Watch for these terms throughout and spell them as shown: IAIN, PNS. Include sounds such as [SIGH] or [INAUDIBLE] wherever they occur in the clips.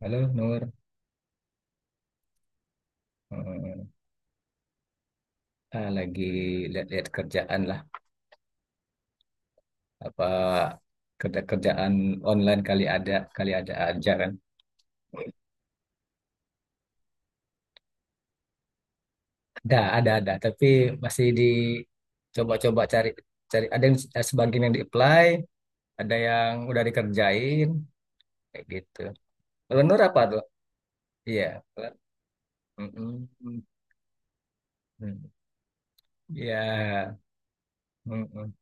Halo Nur. Eh, lagi lihat-lihat kerjaan lah. Apa kerja-kerjaan online kali ada aja kan? Ada, ada. Tapi masih dicoba-coba cari, Ada yang sebagian yang di-apply, ada yang udah dikerjain, kayak gitu. Kalau Nur apa tuh? Iya. Mm-mm. Mm. Iya. Mm-mm.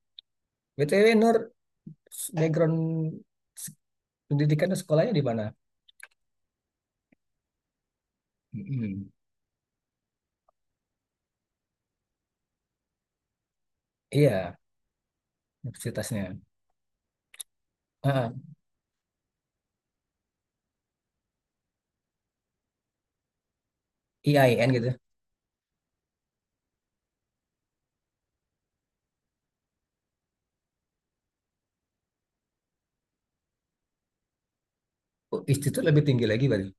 BTW Nur, background s- pendidikan dan sekolahnya di mana? Mm-mm. Iya, universitasnya. Ah, IAIN gitu. Oh, institut lebih tinggi lagi berarti.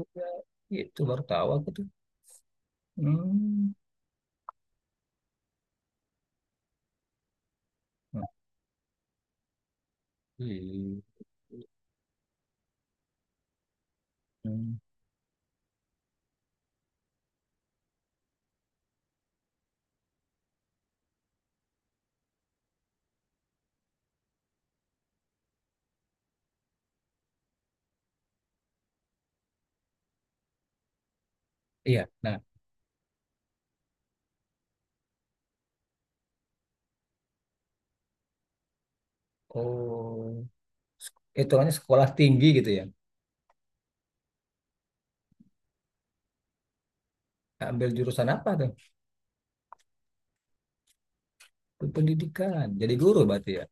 Udah, itu baru tahu aku tuh. Hmm. Nah, iya. Hmm. Iya. Nah, oh, hitungannya sekolah tinggi gitu ya. Ambil jurusan apa tuh? Pendidikan. Jadi guru berarti ya.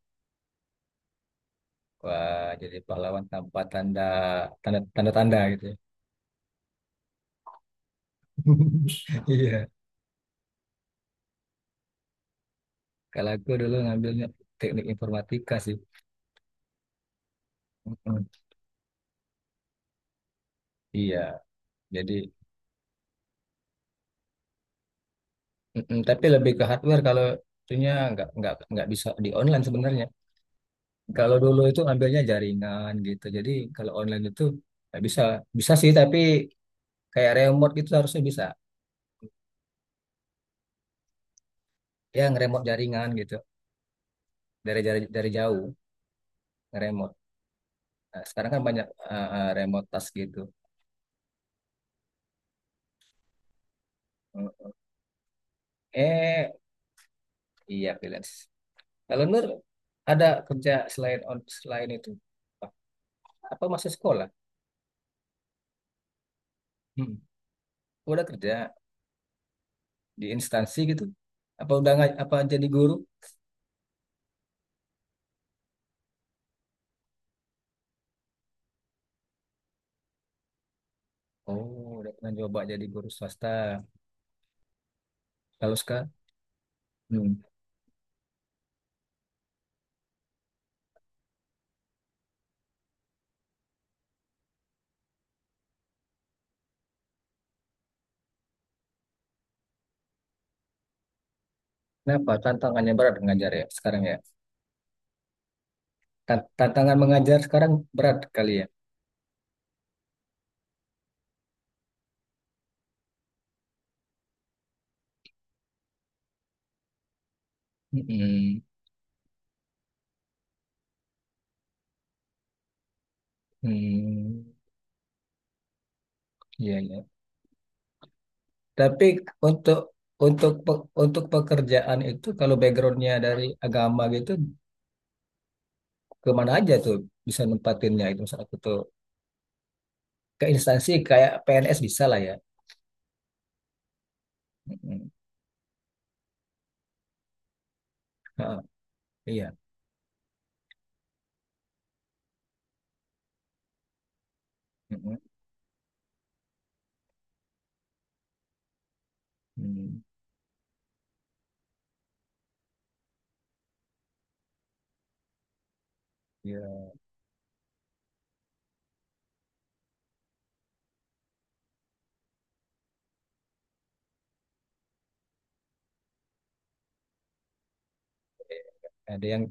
Wah, jadi pahlawan tanpa tanda tanda tanda tanda gitu ya. [LAUGHS] Iya. Kalau aku dulu ngambilnya teknik informatika sih. Mm-mm. Iya. Jadi. Mm-mm. Tapi lebih ke hardware kalau itunya nggak bisa di online sebenarnya. Kalau dulu itu ambilnya jaringan gitu. Jadi kalau online itu nggak bisa, bisa sih tapi kayak remote gitu harusnya bisa. Ya ngeremote jaringan gitu dari jauh ngeremote. Nah, sekarang kan banyak remote task gitu. Mm. Eh iya, freelance. Kalau Nur ada kerja selain itu apa apa masih sekolah? Mm. Udah kerja di instansi gitu? Apa udah nggak- apa jadi guru? Oh, udah pernah coba jadi guru swasta. Lalu sekarang, hmm, kenapa tantangannya berat mengajar ya sekarang ya? Tantangan mengajar sekarang berat kali ya. Hmm, hmm, iya, iya. Tapi untuk untuk pekerjaan itu kalau backgroundnya dari agama gitu, kemana aja tuh bisa nempatinnya itu, misalnya aku tuh ke instansi kayak PNS bisa lah ya. Hmm, ha, iya. Hmm, hmm, iya. Ada yang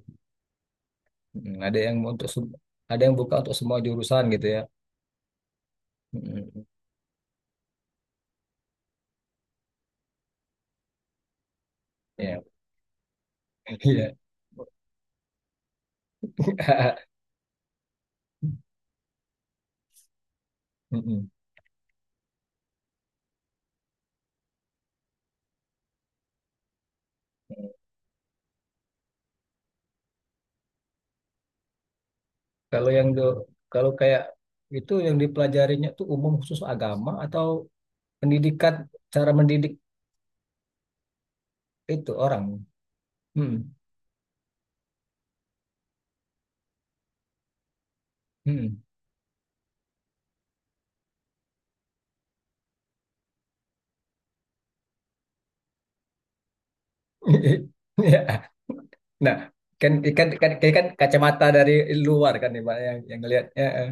Mm, Ada yang untuk sem- ada yang buka untuk semua jurusan gitu ya. Mm. Ya, [LAUGHS] iya. [LAUGHS] Mm-mm. Kalau yang do- Kalau kayak itu yang dipelajarinya tuh umum khusus agama atau pendidikan, cara mendidik itu orang. Hmm. Hmm. [LAUGHS] Ya. Nah, kan kan kan kan kan kacamata dari luar kan ibaratnya yang ngelihat. Ya, eh.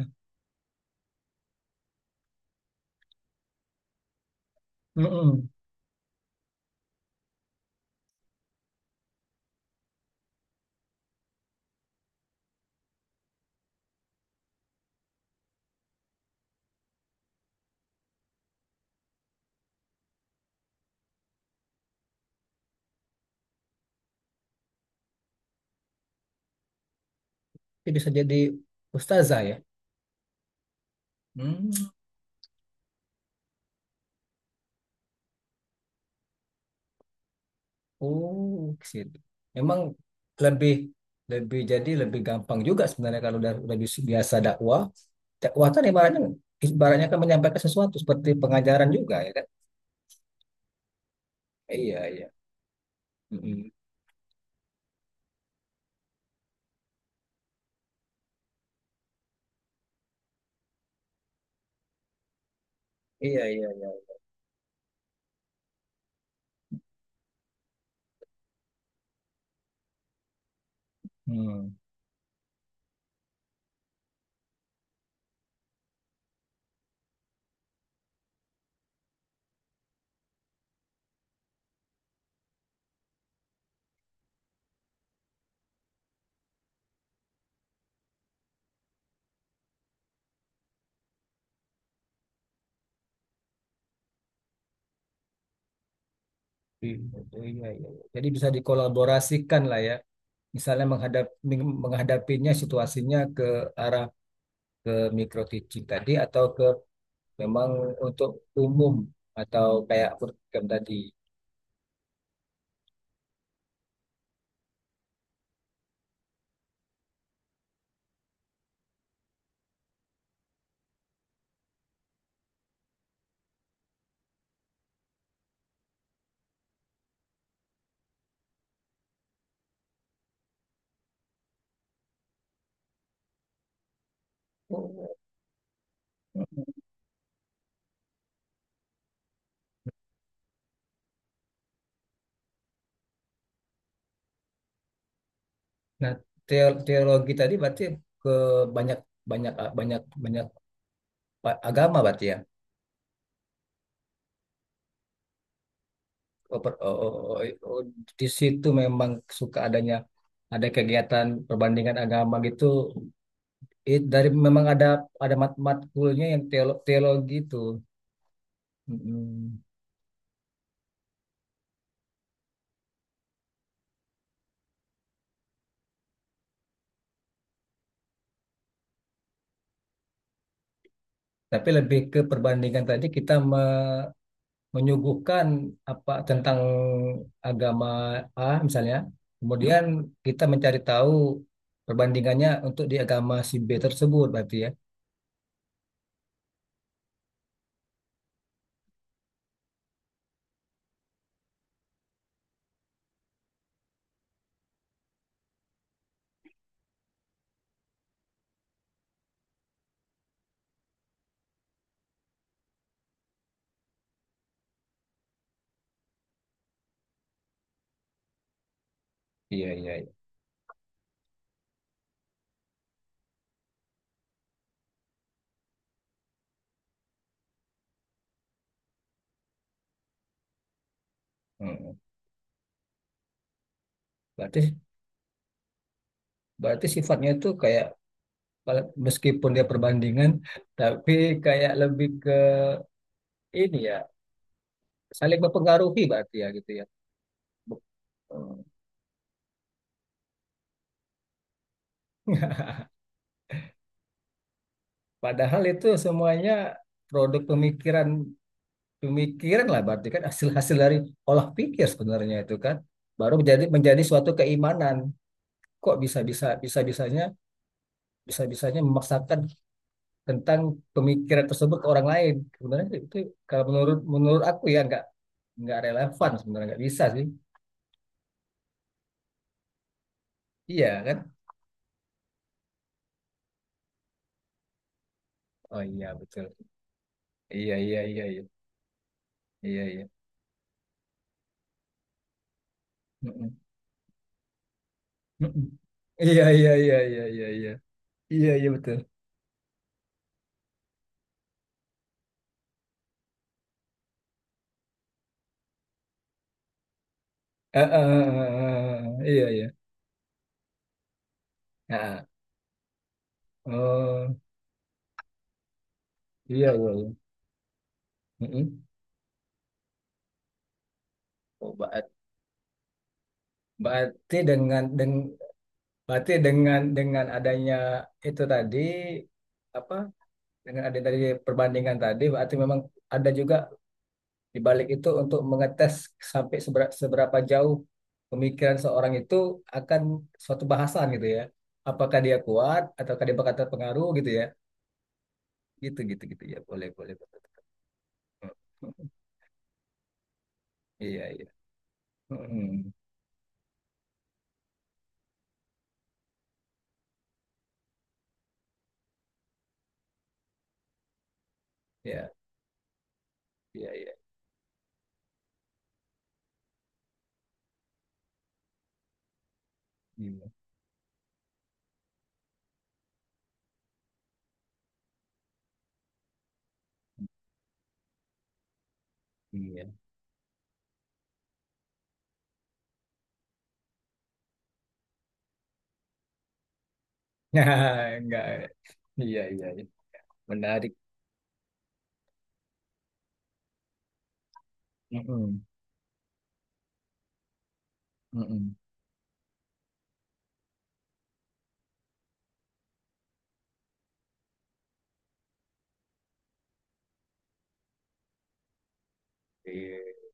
Mm-mm. Jadi bisa jadi ustazah ya. Hmm. Oh, ke situ. Emang lebih lebih jadi lebih gampang juga sebenarnya kalau biasa dakwah. Dakwah kan ibaratnya ibaratnya kan menyampaikan sesuatu seperti pengajaran juga ya kan? Iya, iya. Mm-mm. Iya, iya, iya. Hmm. I- Iya, iya. Iya. Jadi bisa dikolaborasikan lah ya. Misalnya menghadapinya, situasinya ke arah ke micro teaching tadi atau ke memang untuk umum atau kayak program tadi. Oh. Nah, teologi tadi berarti ke banyak banyak banyak banyak agama berarti ya. Oh, oh, oh, oh, oh, di situ memang suka adanya ada kegiatan perbandingan agama gitu. Dari memang ada matkulnya yang teologi itu. Mm-mm. Tapi lebih ke perbandingan tadi, kita menyuguhkan apa tentang agama A misalnya, kemudian kita mencari tahu perbandingannya untuk di agama si B tersebut berarti ya. Iya, iya, iya. Mm. Berarti berarti sifatnya itu kayak meskipun dia perbandingan [LAUGHS] tapi kayak lebih ke ini ya, saling mempengaruhi berarti ya gitu ya. Bu- [LAUGHS] Padahal itu semuanya produk pemikiran, lah berarti, kan hasil-hasil dari olah pikir sebenarnya itu, kan baru menjadi menjadi suatu keimanan, kok bisa bisa bisa bisanya memaksakan tentang pemikiran tersebut ke orang lain. Sebenarnya itu kalau menurut menurut aku ya nggak relevan, sebenarnya nggak bisa sih. Iya kan. Oh, iya, betul. Iya, iya, iya, iya, iya, iya. Mm-mm. Mm-mm. Iya, iya, iya, iya, iya, iya, iya, iya, betul. Ah, ah, ah, ah, ah. Iya, iya. Ah, ah. Oh, iya, iya, iya. Mm-mm. Oh. Berarti dengan deng, berarti dengan adanya itu tadi, apa, dengan adanya tadi perbandingan tadi berarti memang ada juga di balik itu untuk mengetes sampai seberapa jauh pemikiran seorang itu akan suatu bahasan gitu ya. Apakah dia kuat ataukah dia bakal terpengaruh gitu ya. Gitu, gitu, gitu ya. Boleh, boleh. [LAUGHS] Boleh. Hmm. Iya, iya. Mm. Iya, iya, iya. Iya. Iya. [LAUGHS] Enggak. Iya, iya. Iya. Menarik. Mm-mm, mm-mm. Iya.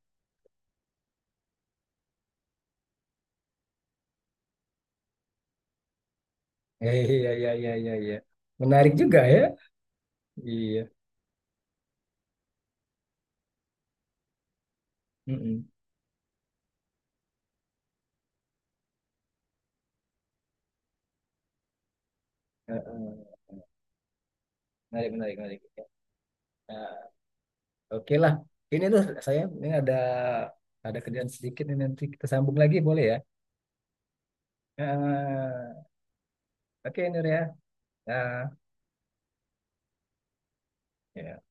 Iya, iya, iya, iya, iya. Iya. Menarik juga ya. Iya. Mm-mm. Heeh. Menarik, menarik, menarik. Nah, oke lah. Ini tuh saya ini ada kerjaan sedikit ini, nanti kita sambung lagi boleh ya? Ah, oke Nur ya. Nah, ya.